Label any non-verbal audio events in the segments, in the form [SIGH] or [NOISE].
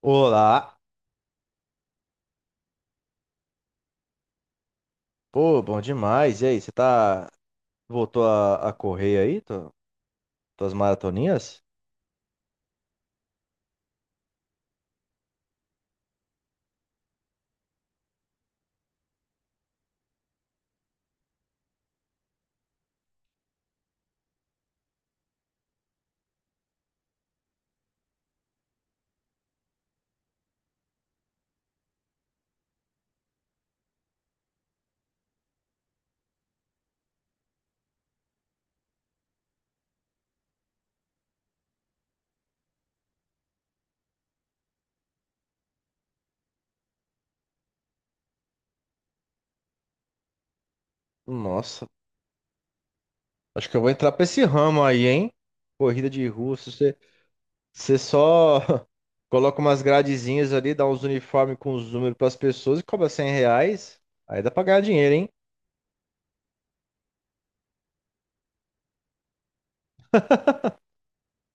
Olá, pô, bom demais. E aí, você tá. Voltou a correr aí, tuas maratoninhas? Nossa, acho que eu vou entrar pra esse ramo aí, hein? Corrida de rua, se você, você só [LAUGHS] coloca umas gradezinhas ali, dá uns uniformes com os números pras pessoas e cobra 100 reais. Aí dá pra ganhar dinheiro, hein?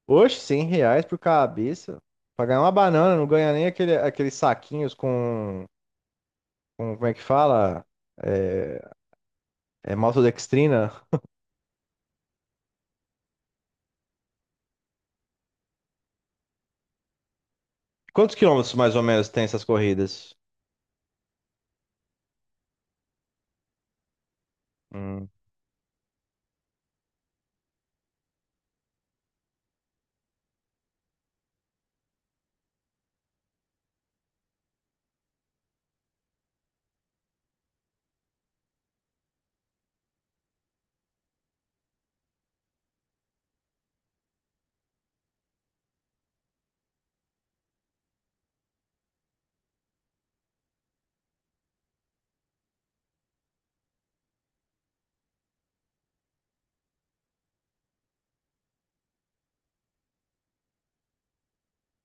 Oxe, 100 reais por cabeça. Pra ganhar uma banana, não ganha nem aquele, aqueles saquinhos com, com. Como é que fala? É, é maltodextrina. Quantos quilômetros mais ou menos tem essas corridas? Hum,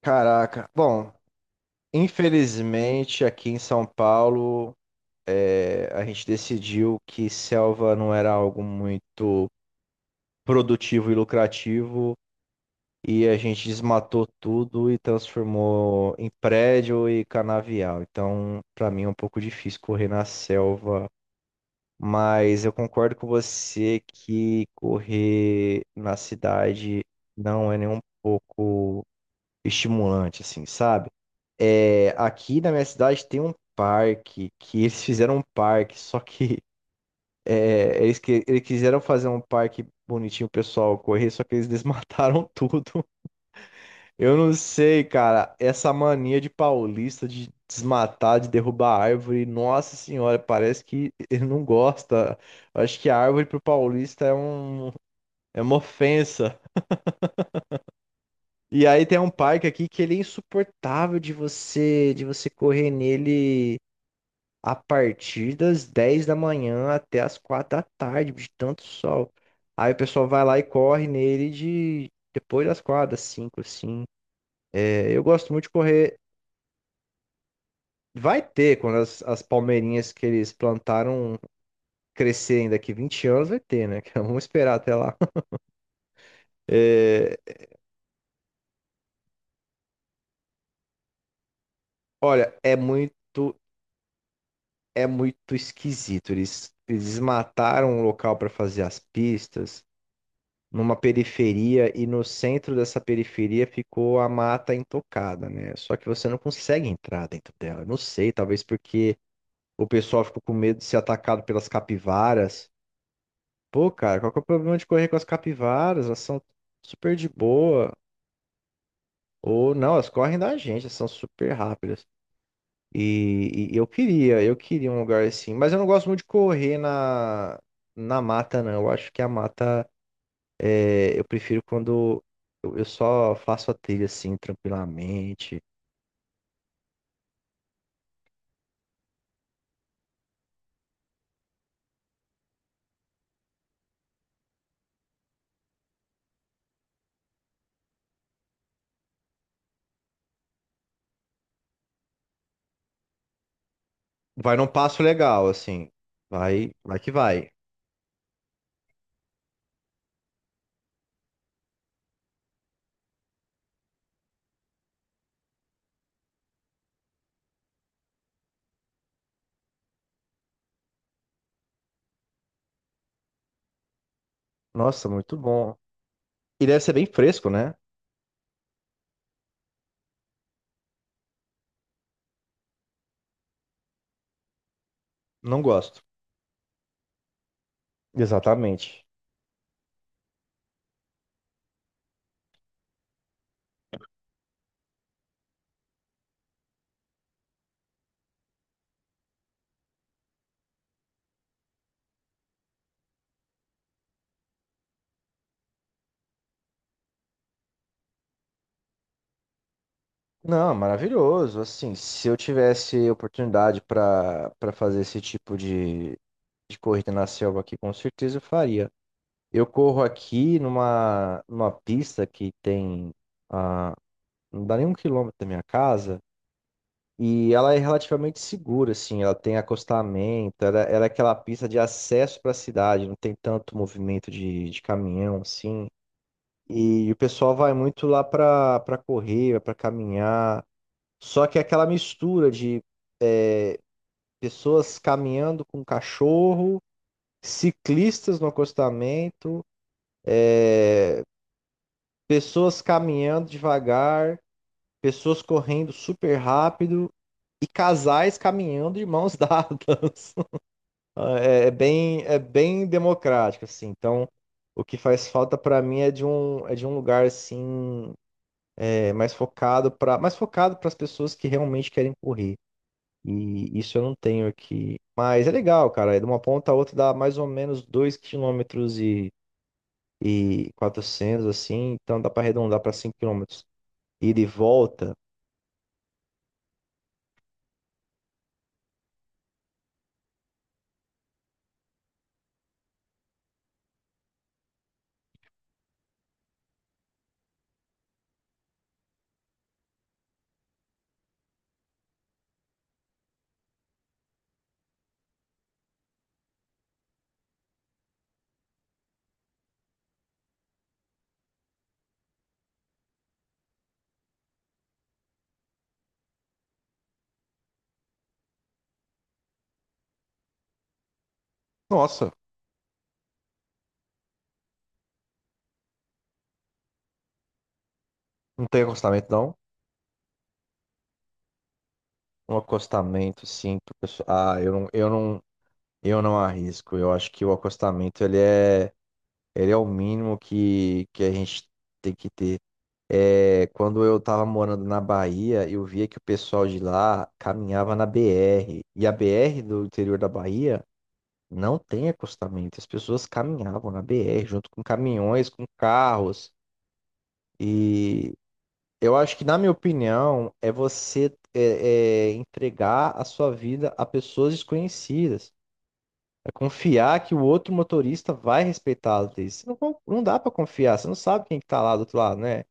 Caraca. Bom, infelizmente aqui em São Paulo a gente decidiu que selva não era algo muito produtivo e lucrativo e a gente desmatou tudo e transformou em prédio e canavial. Então, para mim é um pouco difícil correr na selva, mas eu concordo com você que correr na cidade não é nem um pouco estimulante, assim, sabe? É, aqui na minha cidade tem um parque que eles fizeram um parque, só que [LAUGHS] eles quiseram fazer um parque bonitinho, o pessoal correr, só que eles desmataram [LAUGHS] tudo. Eu não sei, cara, essa mania de paulista de desmatar, de derrubar árvore, nossa senhora, parece que [LAUGHS] ele não gosta. Eu acho que a árvore pro paulista é uma ofensa. E aí tem um parque aqui que ele é insuportável de você correr nele a partir das 10 da manhã até as 4 da tarde, de tanto sol. Aí o pessoal vai lá e corre nele de depois das 4, das 5, assim. É, eu gosto muito de correr. Vai ter, quando as palmeirinhas que eles plantaram crescerem daqui 20 anos, vai ter, né? [LAUGHS] Vamos esperar até lá. É, olha, é muito esquisito. Eles mataram o local para fazer as pistas. Numa periferia e no centro dessa periferia ficou a mata intocada, né? Só que você não consegue entrar dentro dela. Eu não sei, talvez porque o pessoal ficou com medo de ser atacado pelas capivaras. Pô, cara, qual que é o problema de correr com as capivaras? Elas são super de boa. Ou não, elas correm da gente, elas são super rápidas. E eu queria um lugar assim, mas eu não gosto muito de correr na mata, não. Eu acho que a mata. É, eu prefiro quando eu só faço a trilha assim, tranquilamente. Vai num passo legal, assim. Vai, vai que vai. Nossa, muito bom. E deve ser bem fresco, né? Não gosto. Exatamente. Não, maravilhoso. Assim, se eu tivesse oportunidade para fazer esse tipo de corrida na selva aqui, com certeza eu faria. Eu corro aqui numa pista que tem, ah, não dá nem um quilômetro da minha casa. E ela é relativamente segura, assim, ela tem acostamento, ela é aquela pista de acesso para a cidade, não tem tanto movimento de caminhão, assim. E o pessoal vai muito lá para correr, para caminhar. Só que é aquela mistura de pessoas caminhando com cachorro, ciclistas no acostamento, pessoas caminhando devagar, pessoas correndo super rápido e casais caminhando de mãos [LAUGHS] dadas. Ah, é bem democrático, assim. Então, o que faz falta para mim é de um lugar assim, mais focado para as pessoas que realmente querem correr. E isso eu não tenho aqui. Mas é legal, cara. É de uma ponta a outra dá mais ou menos 2 quilômetros e 400 assim. Então dá para arredondar para 5 quilômetros. Ida e volta. Nossa, não tem acostamento, não? Um acostamento, sim. Pro pessoal. Ah, eu não. Eu não arrisco. Eu acho que o acostamento ele é o mínimo que a gente tem que ter. É, quando eu tava morando na Bahia, eu via que o pessoal de lá caminhava na BR. E a BR do interior da Bahia não tem acostamento. As pessoas caminhavam na BR junto com caminhões, com carros. E eu acho que, na minha opinião, é você entregar a sua vida a pessoas desconhecidas. É confiar que o outro motorista vai respeitá-lo. Thaís, você não, não dá pra confiar, você não sabe quem que tá lá do outro lado, né?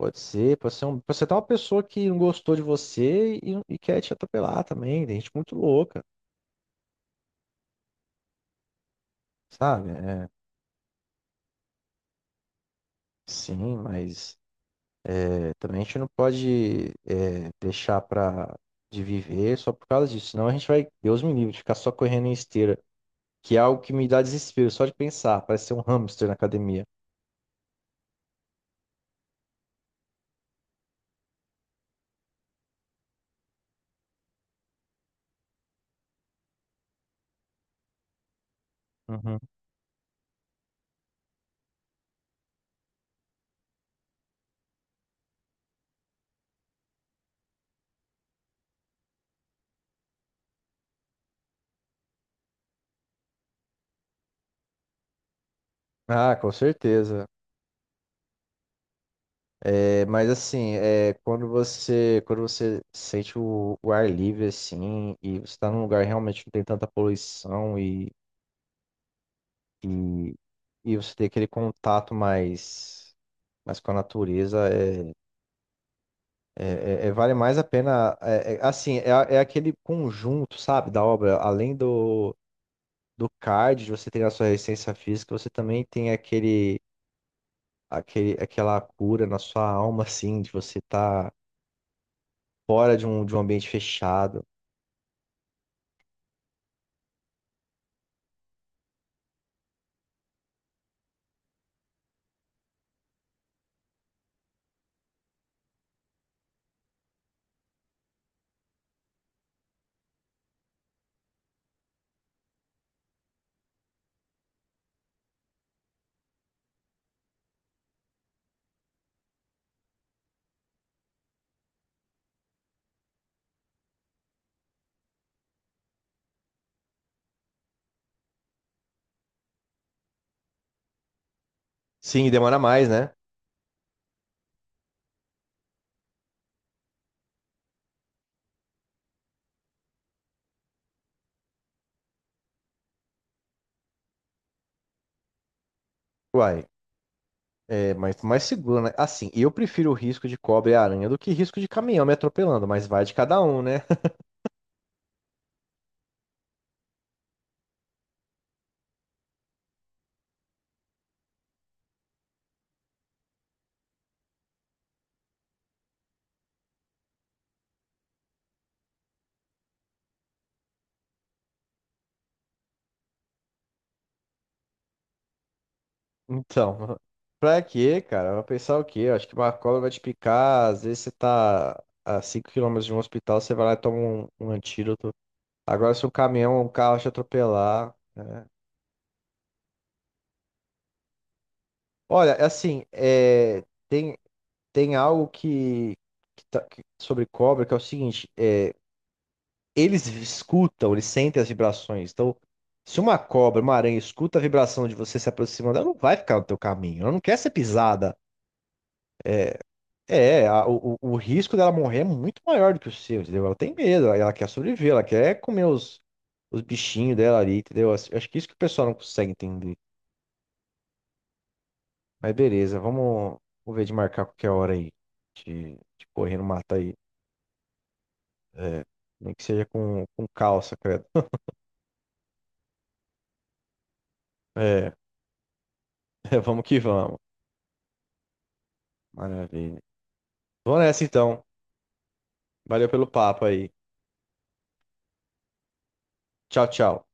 Pode ser até uma pessoa que não gostou de você e quer te atropelar também. Tem gente muito louca, sabe? É, sim, mas também a gente não pode deixar de viver só por causa disso. Senão a gente vai, Deus me livre, de ficar só correndo em esteira, que é algo que me dá desespero só de pensar. Parece ser um hamster na academia. Uhum. Ah, com certeza. É, mas assim, quando você sente o ar livre assim e você está num lugar realmente que não tem tanta poluição e, e você tem aquele contato mais com a natureza, vale mais a pena. Assim, é aquele conjunto, sabe, da obra. Além do cardio, você tem a sua resistência física, você também tem aquela cura na sua alma, assim, de você estar fora de um ambiente fechado. Sim, e demora mais, né? Uai, é mais seguro, né? Assim, eu prefiro o risco de cobra e aranha do que risco de caminhão me atropelando, mas vai de cada um, né? [LAUGHS] Então, pra quê, cara? Vai pensar o quê? Eu acho que uma cobra vai te picar, às vezes você tá a 5 quilômetros de um hospital, você vai lá e toma um antídoto. Agora, se um caminhão ou um carro te atropelar. Olha, assim, tem algo que sobre cobra que é o seguinte: Eles escutam, eles sentem as vibrações. Então, se uma cobra, uma aranha escuta a vibração de você se aproximando, ela não vai ficar no teu caminho. Ela não quer ser pisada. É, o risco dela morrer é muito maior do que o seu, entendeu? Ela tem medo, ela quer sobreviver, ela quer comer os bichinhos dela ali, entendeu? Acho que isso que o pessoal não consegue entender. Mas beleza, vamos ver de marcar qualquer hora aí. De correr no mato aí. É, nem que seja com calça, credo. É, [LAUGHS] vamos que vamos. Maravilha. Vou nessa então. Valeu pelo papo aí. Tchau, tchau.